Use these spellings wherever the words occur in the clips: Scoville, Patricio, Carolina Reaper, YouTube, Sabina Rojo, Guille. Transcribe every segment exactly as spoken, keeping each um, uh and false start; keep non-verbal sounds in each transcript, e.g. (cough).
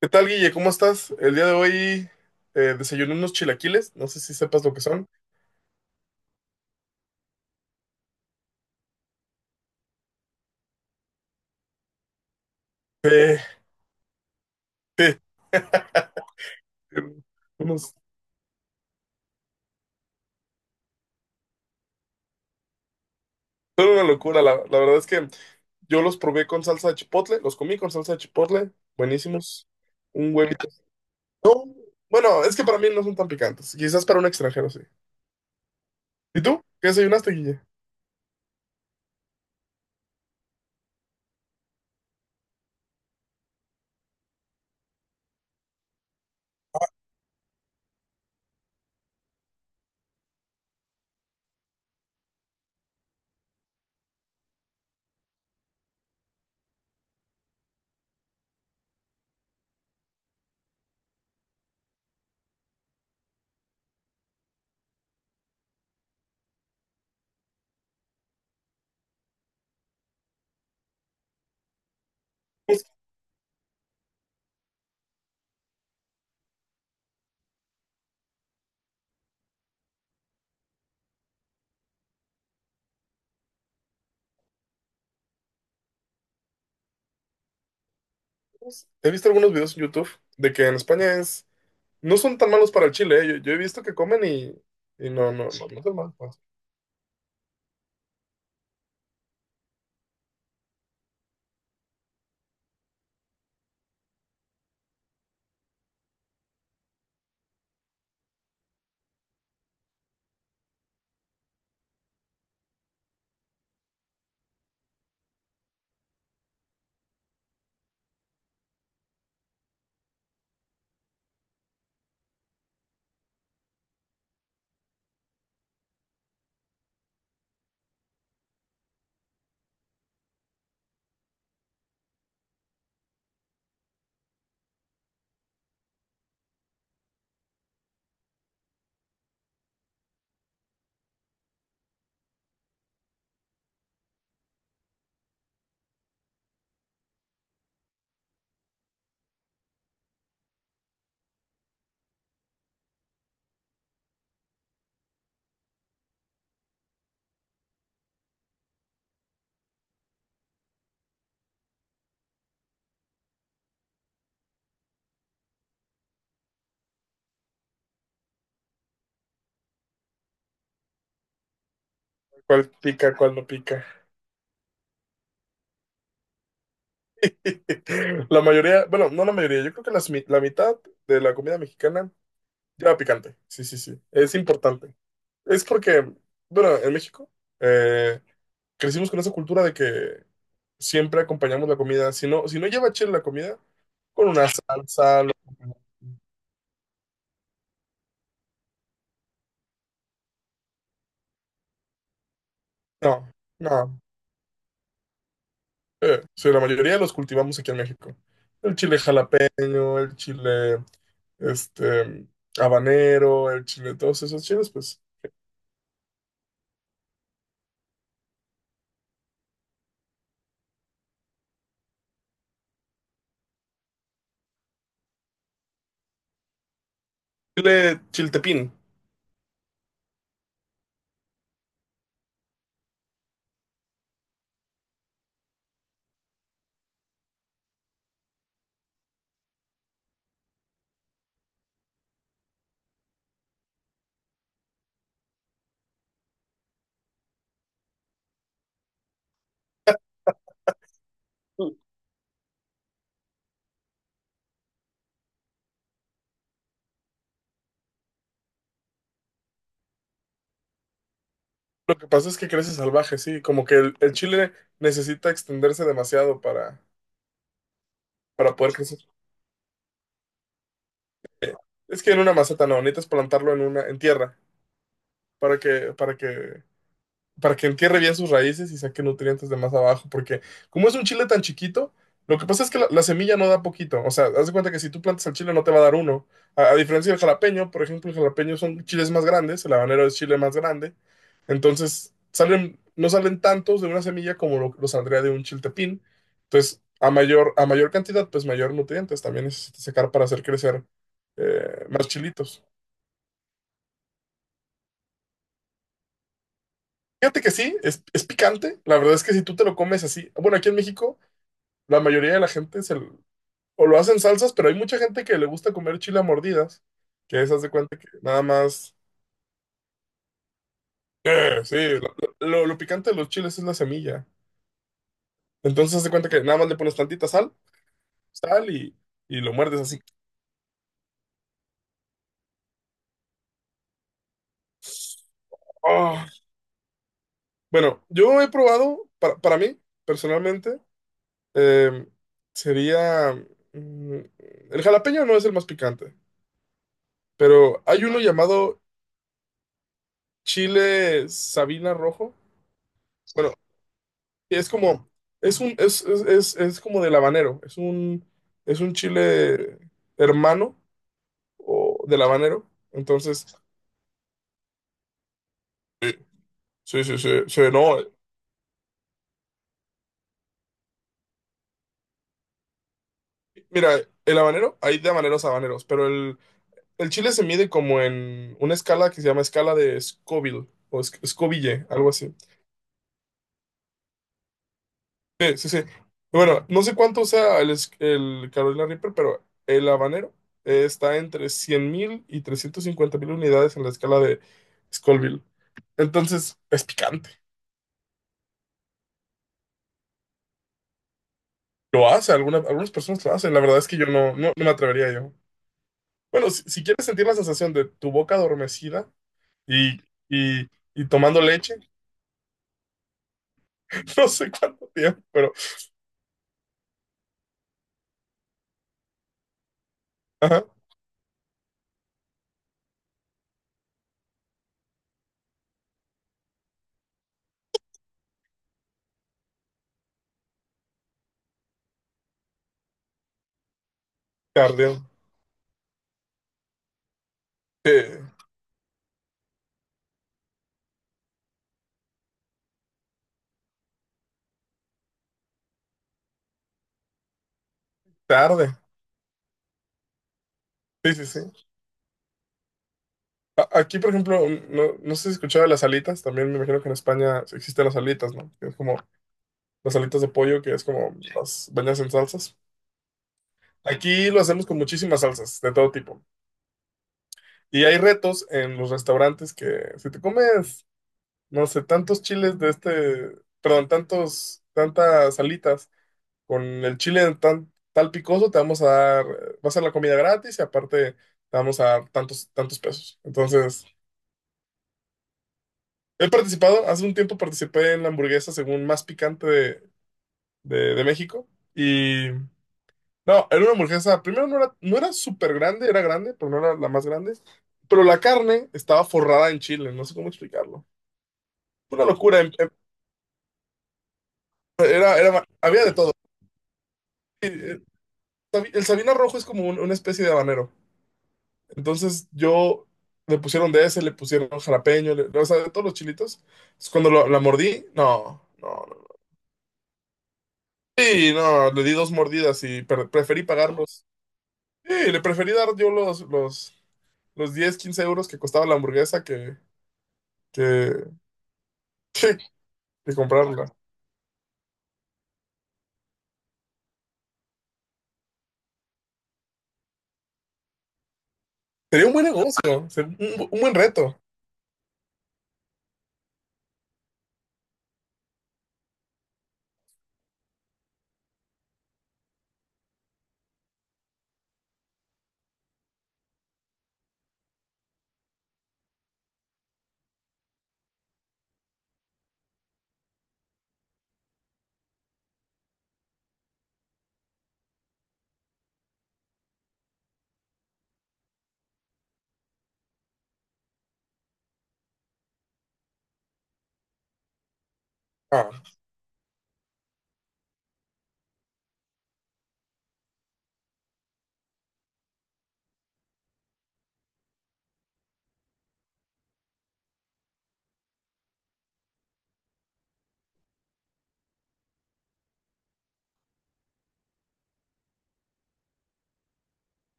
¿Qué tal, Guille? ¿Cómo estás? El día de hoy, eh, desayuné unos chilaquiles, no sé si sepas lo que son. Eh, eh, unos- Son una locura, la, la verdad es que yo los probé con salsa de chipotle, los comí con salsa de chipotle, buenísimos. Un huevito. No, bueno, es que para mí no son tan picantes, quizás para un extranjero sí. ¿Y tú? ¿Qué desayunaste, Guille? Pues, pues, He visto algunos videos en YouTube de que en España es... no son tan malos para el chile, eh. Yo, yo he visto que comen y, y no, no, no, no son malos. ¿Cuál pica, cuál no pica? (laughs) La mayoría, bueno, no la mayoría, yo creo que las mi- la mitad de la comida mexicana lleva picante. Sí, sí, sí, es importante. Es porque, bueno, en México eh, crecimos con esa cultura de que siempre acompañamos la comida. Si no, si no lleva chile la comida, con una salsa. lo- No, no. Eh, sí, la mayoría de los cultivamos aquí en México. El chile jalapeño, el chile este habanero, el chile, todos esos chiles, pues. Chile chiltepín. Lo que pasa es que crece salvaje, sí, como que el, el chile necesita extenderse demasiado para, para poder crecer. Es que en una maceta no, necesitas plantarlo en una, en tierra, para que, para que para que entierre bien sus raíces y saque nutrientes de más abajo, porque como es un chile tan chiquito, lo que pasa es que la, la semilla no da poquito, o sea, haz de cuenta que si tú plantas el chile no te va a dar uno, a, a diferencia del jalapeño, por ejemplo, el jalapeño son chiles más grandes, el habanero es chile más grande, entonces salen, no salen tantos de una semilla como lo, lo saldría de un chiltepín, entonces a mayor, a mayor cantidad, pues mayor nutrientes también necesitas sacar para hacer crecer eh, más chilitos. Fíjate que sí, es, es picante. La verdad es que si tú te lo comes así, bueno, aquí en México. La mayoría de la gente se, l- o lo hacen salsas, pero hay mucha gente que le gusta comer chile a mordidas, que esas de cuenta que nada más, eh, sí, lo, lo- lo picante de los chiles es la semilla. Entonces haz de cuenta que nada más le pones tantita sal, sal y, y lo muerdes así. ¡Ah! Bueno, yo he probado, para, para mí, personalmente, eh, sería, mm, el jalapeño no es el más picante, pero hay uno llamado chile Sabina rojo. Bueno, y es como, es un, es, es, es, es como del habanero, es un, es un chile hermano o del habanero. Entonces, eh, sí, sí, sí, sí, no. Mira, el habanero, hay de habaneros a habaneros, pero el, el chile se mide como en una escala que se llama escala de Scoville o Sc- Scoville, algo así. Sí, sí, sí. Bueno, no sé cuánto sea el, es- el Carolina Reaper, pero el habanero eh, está entre cien mil y trescientos cincuenta mil unidades en la escala de Scoville. Entonces, es picante. Lo hace, alguna- algunas personas lo hacen. La verdad es que yo no, no, no me atrevería yo. Bueno, si, si quieres sentir la sensación de tu boca adormecida y, y, y tomando leche, (laughs) no sé cuánto tiempo, pero ajá, cardio. Eh, tarde. Sí, sí, sí. A- Aquí, por ejemplo, no, no sé si escuchaba las alitas, también me imagino que en España existen las alitas, ¿no? Que es como las alitas de pollo, que es como las bañas en salsas. Aquí lo hacemos con muchísimas salsas, de todo tipo. Y hay retos en los restaurantes que si te comes, no sé, tantos chiles de este, perdón, tantos, tantas alitas con el chile tan, tal picoso, te vamos a dar, eh, va a ser la comida gratis y aparte te vamos a dar tantos, tantos pesos. Entonces. He participado, hace un tiempo participé en la hamburguesa según más picante de, de- de México. Y no, era una hamburguesa, primero no era, no era súper grande, era grande, pero no era la más grande. Pero la carne estaba forrada en chile, no sé cómo explicarlo. Una locura, em- em- era, era, había de todo. Y, eh, sabi- el Sabina Rojo es como un- una especie de habanero. Entonces yo le pusieron de ese, le pusieron jalapeño, le- o sea, de todos los chilitos. Entonces, cuando lo- la mordí, no, no, no. Sí, no, le di dos mordidas y pre- preferí pagarlos. Sí, le preferí dar yo los, los, los diez, quince euros que costaba la hamburguesa que, que, que, que comprarla. Sería un buen negocio, ser- un, bu- un buen reto. Ah,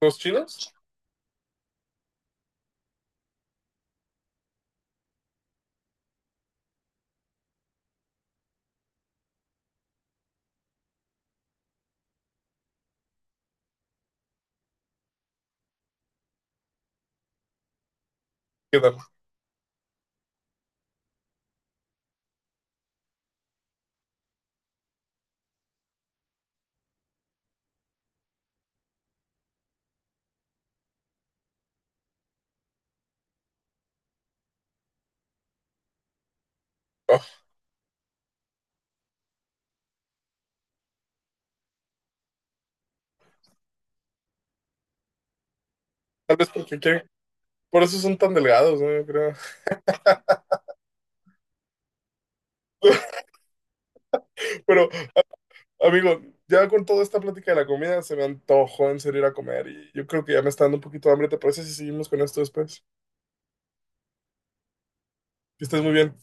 ¿los chinos? ¿Qué tal? Ah, tal vez porque quieren- por eso son tan delgados, ¿no? Yo creo. (laughs) Pero, amigo, ya con toda esta plática de la comida se me antojó en serio ir a comer y yo creo que ya me está dando un poquito de hambre. ¿Te parece si seguimos con esto después? Que estés muy bien.